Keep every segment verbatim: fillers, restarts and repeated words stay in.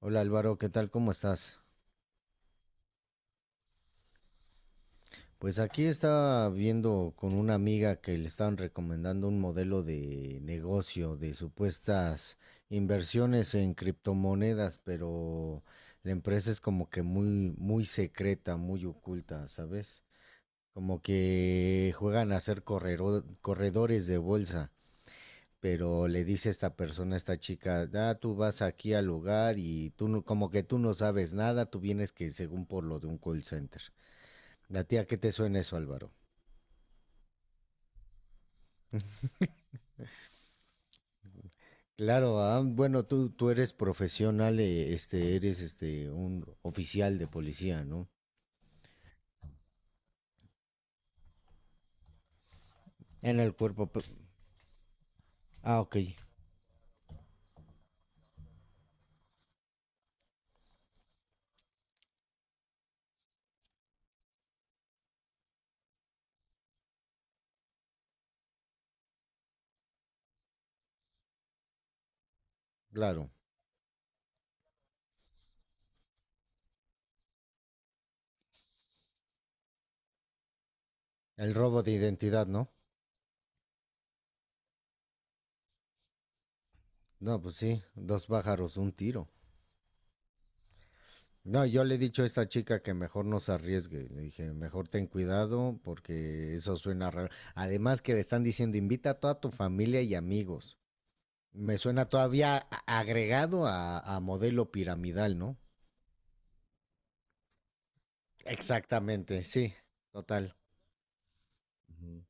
Hola Álvaro, ¿qué tal? ¿Cómo estás? Pues aquí estaba viendo con una amiga que le estaban recomendando un modelo de negocio de supuestas inversiones en criptomonedas, pero la empresa es como que muy, muy secreta, muy oculta, ¿sabes? Como que juegan a ser correro- corredores de bolsa, pero le dice esta persona, esta chica, ah, tú vas aquí al lugar y tú no- como que tú no sabes nada, tú vienes que según por lo de un call center. ¿A ti a qué te suena eso, Álvaro? Claro, ah, bueno, tú, tú eres profesional, eh, este, eres este, un oficial de policía, ¿no? En el cuerpo... pe- Ah, ok, claro. El robo de identidad, ¿no? No, pues sí, dos pájaros, un tiro. No, yo le he dicho a esta chica que mejor no se arriesgue. Le dije, mejor ten cuidado porque eso suena raro. Además que le están diciendo, invita a toda tu familia y amigos. Me suena todavía a- agregado a, a modelo piramidal, ¿no? Exactamente, sí, total. Ujú.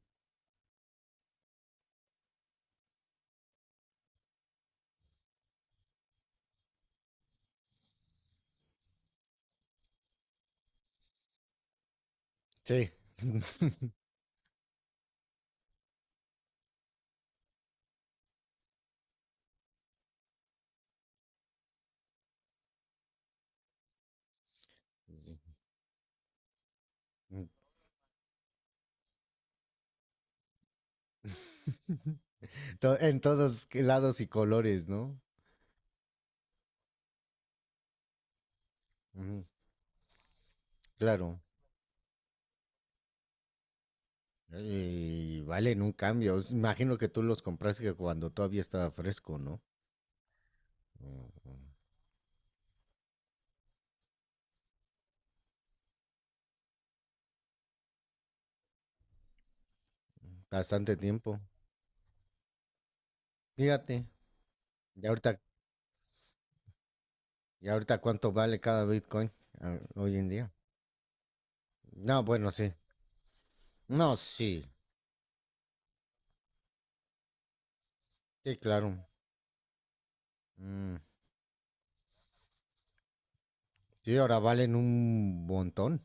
Sí. Sí. To- En todos lados y colores, ¿no? Ujú, claro. Y valen un cambio. Imagino que tú los compraste cuando todavía estaba fresco, ¿no? Ujú. Bastante tiempo. Fíjate. Y ahorita, y ahorita cuánto vale cada Bitcoin ah, hoy en día. No, bueno, sí. No, sí. Sí, claro. Mm. Sí, ahora valen un montón.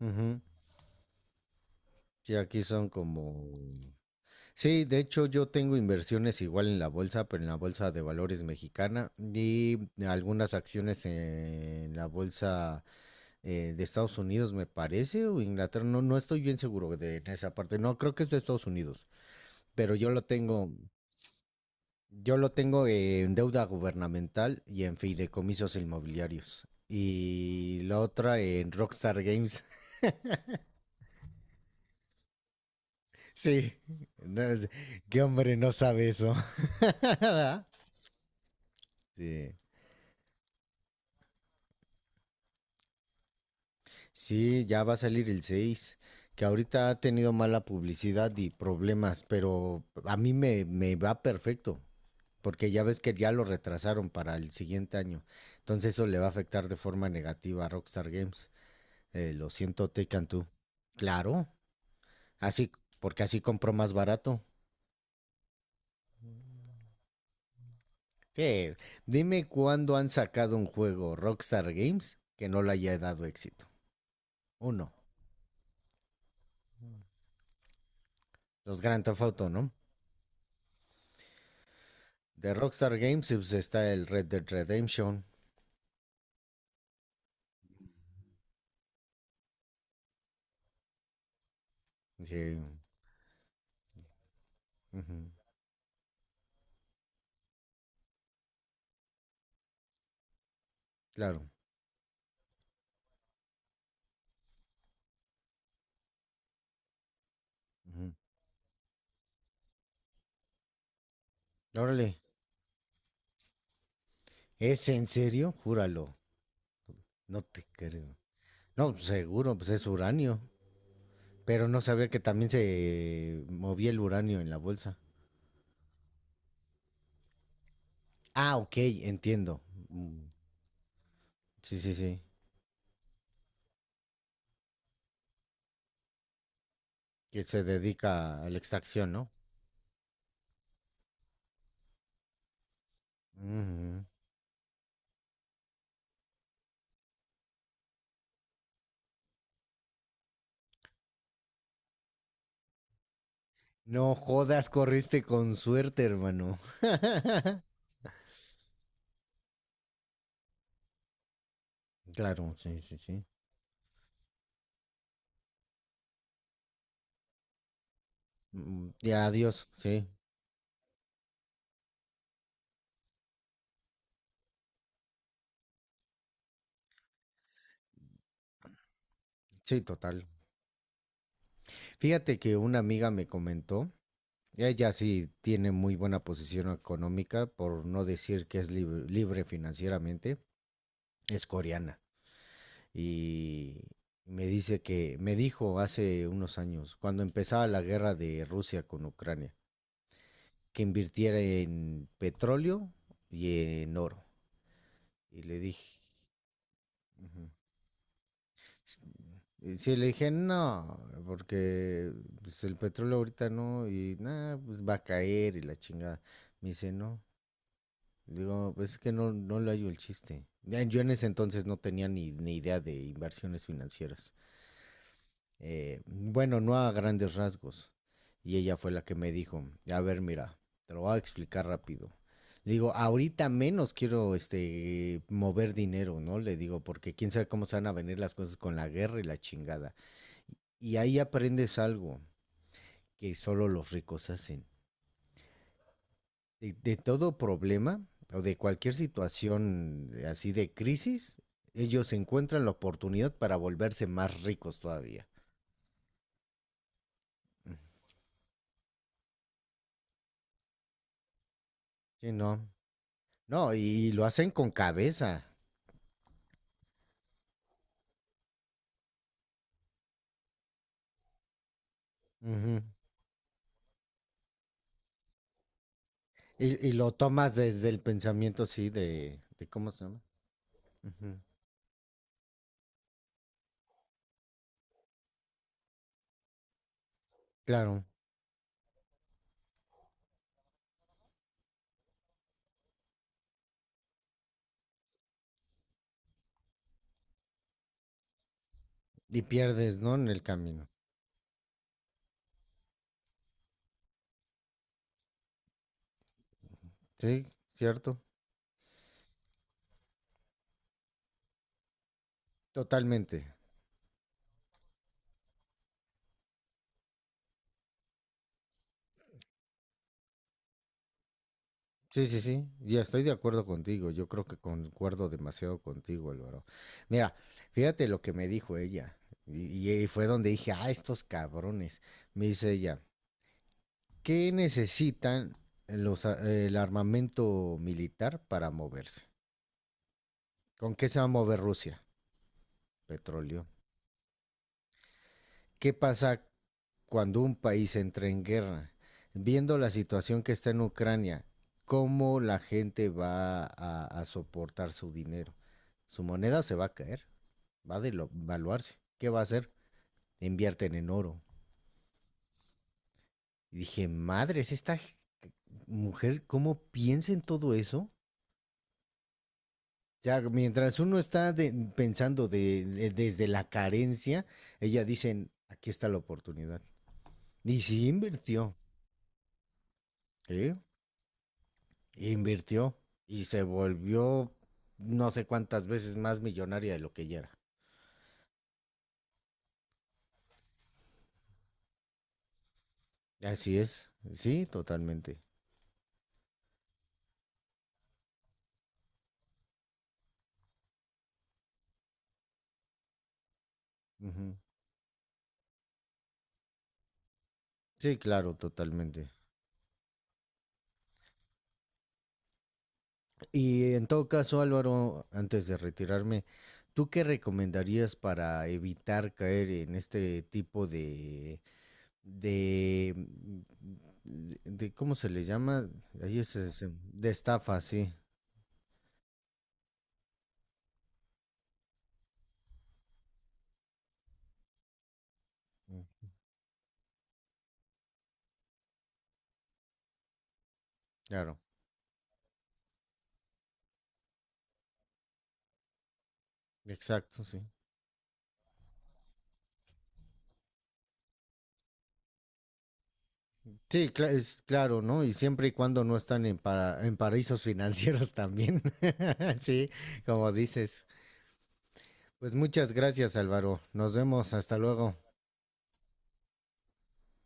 Ujú. Sí, aquí son como sí, de hecho yo tengo inversiones igual en la bolsa, pero en la bolsa de valores mexicana y algunas acciones en la bolsa eh, de Estados Unidos, me parece, o Inglaterra, no, no estoy bien seguro de esa parte. No, creo que es de Estados Unidos, pero yo lo tengo, yo lo tengo en deuda gubernamental y en fideicomisos inmobiliarios. Y la otra en Rockstar Games. Sí, no, es- qué hombre no sabe eso. Sí. Sí, ya va a salir el seis que ahorita ha tenido mala publicidad y problemas, pero a mí me, me va perfecto, porque ya ves que ya lo retrasaron para el siguiente año. Entonces eso le va a afectar de forma negativa a Rockstar Games. Eh, lo siento, Take Two. Claro, así, porque así compró más barato. Sí, dime cuándo han sacado un juego Rockstar Games que no le haya dado éxito. Uno, los Grand Theft Auto, ¿no? De Rockstar Games pues, está el Red Dead Redemption, sí, ujú, claro. Ujú. Órale, ¿es en serio? Júralo, no te creo. No, seguro, pues es uranio, pero no sabía que también se movía el uranio en la bolsa. Ah, ok, entiendo. Mm, sí, sí, sí. Que se dedica a la extracción, ¿no? Ujú. No jodas, corriste con suerte, hermano. Claro, sí, sí, sí. Mm, y adiós, sí, sí, total. Fíjate que una amiga me comentó. Ella sí tiene muy buena posición económica, por no decir que es libre, libre financieramente. Es coreana. Y me dice que, me dijo hace unos años, cuando empezaba la guerra de Rusia con Ucrania, que invirtiera en petróleo y en oro. Y le dije, ujú. Y sí, le dije, no, porque pues, el petróleo ahorita no, y nada, pues va a caer y la chingada. Me dice, no, digo, pues es que no, no le hallo el chiste. Ya, yo en ese entonces no tenía ni, ni idea de inversiones financieras. Eh, bueno, no a grandes rasgos. Y ella fue la que me dijo, a ver, mira, te lo voy a explicar rápido. Le digo, ahorita menos quiero este mover dinero, ¿no? Le digo, porque quién sabe cómo se van a venir las cosas con la guerra y la chingada. Y ahí aprendes algo que solo los ricos hacen. de, de todo problema o de cualquier situación eh, así de crisis, ellos encuentran la oportunidad para volverse más ricos todavía. Sí, no. No, y lo hacen con cabeza. Ujú. y, y lo tomas desde el pensamiento así de, de ¿cómo se llama? Ujú. Claro. Y pierdes, ¿no? En el camino. Sí, cierto. Totalmente. Sí, sí, sí, ya estoy de acuerdo contigo. Yo creo que concuerdo demasiado contigo, Álvaro. Mira, fíjate lo que me dijo ella. Y, y fue donde dije, ah, estos cabrones. Me dice ella, ¿qué necesitan los, a- el armamento militar para moverse? ¿Con qué se va a mover Rusia? Petróleo. ¿Qué pasa cuando un país entra en guerra, viendo la situación que está en Ucrania, ¿cómo la gente va a, a soportar su dinero? Su moneda se va a caer, va a devaluarse. ¿Qué va a hacer? Invierten en oro. Y dije, madres, esta mujer, ¿cómo piensa en todo eso? Ya, mientras uno está de, pensando de, de, desde la carencia, ella dice, aquí está la oportunidad. Y sí invirtió. ¿Eh? Invirtió y se volvió no sé cuántas veces más millonaria de lo que ella era. Así es, sí, totalmente. Ujú. Sí, claro, totalmente. Y en todo caso, Álvaro, antes de retirarme, ¿tú qué recomendarías para evitar caer en este tipo de, de, de, de- ¿cómo se le llama? Ahí es, ese- de estafa, sí. Claro, exacto, sí. Sí, cla- es claro, ¿no? Y siempre y cuando no están en, para, en paraísos financieros también. Sí, como dices. Pues muchas gracias, Álvaro. Nos vemos. Hasta luego.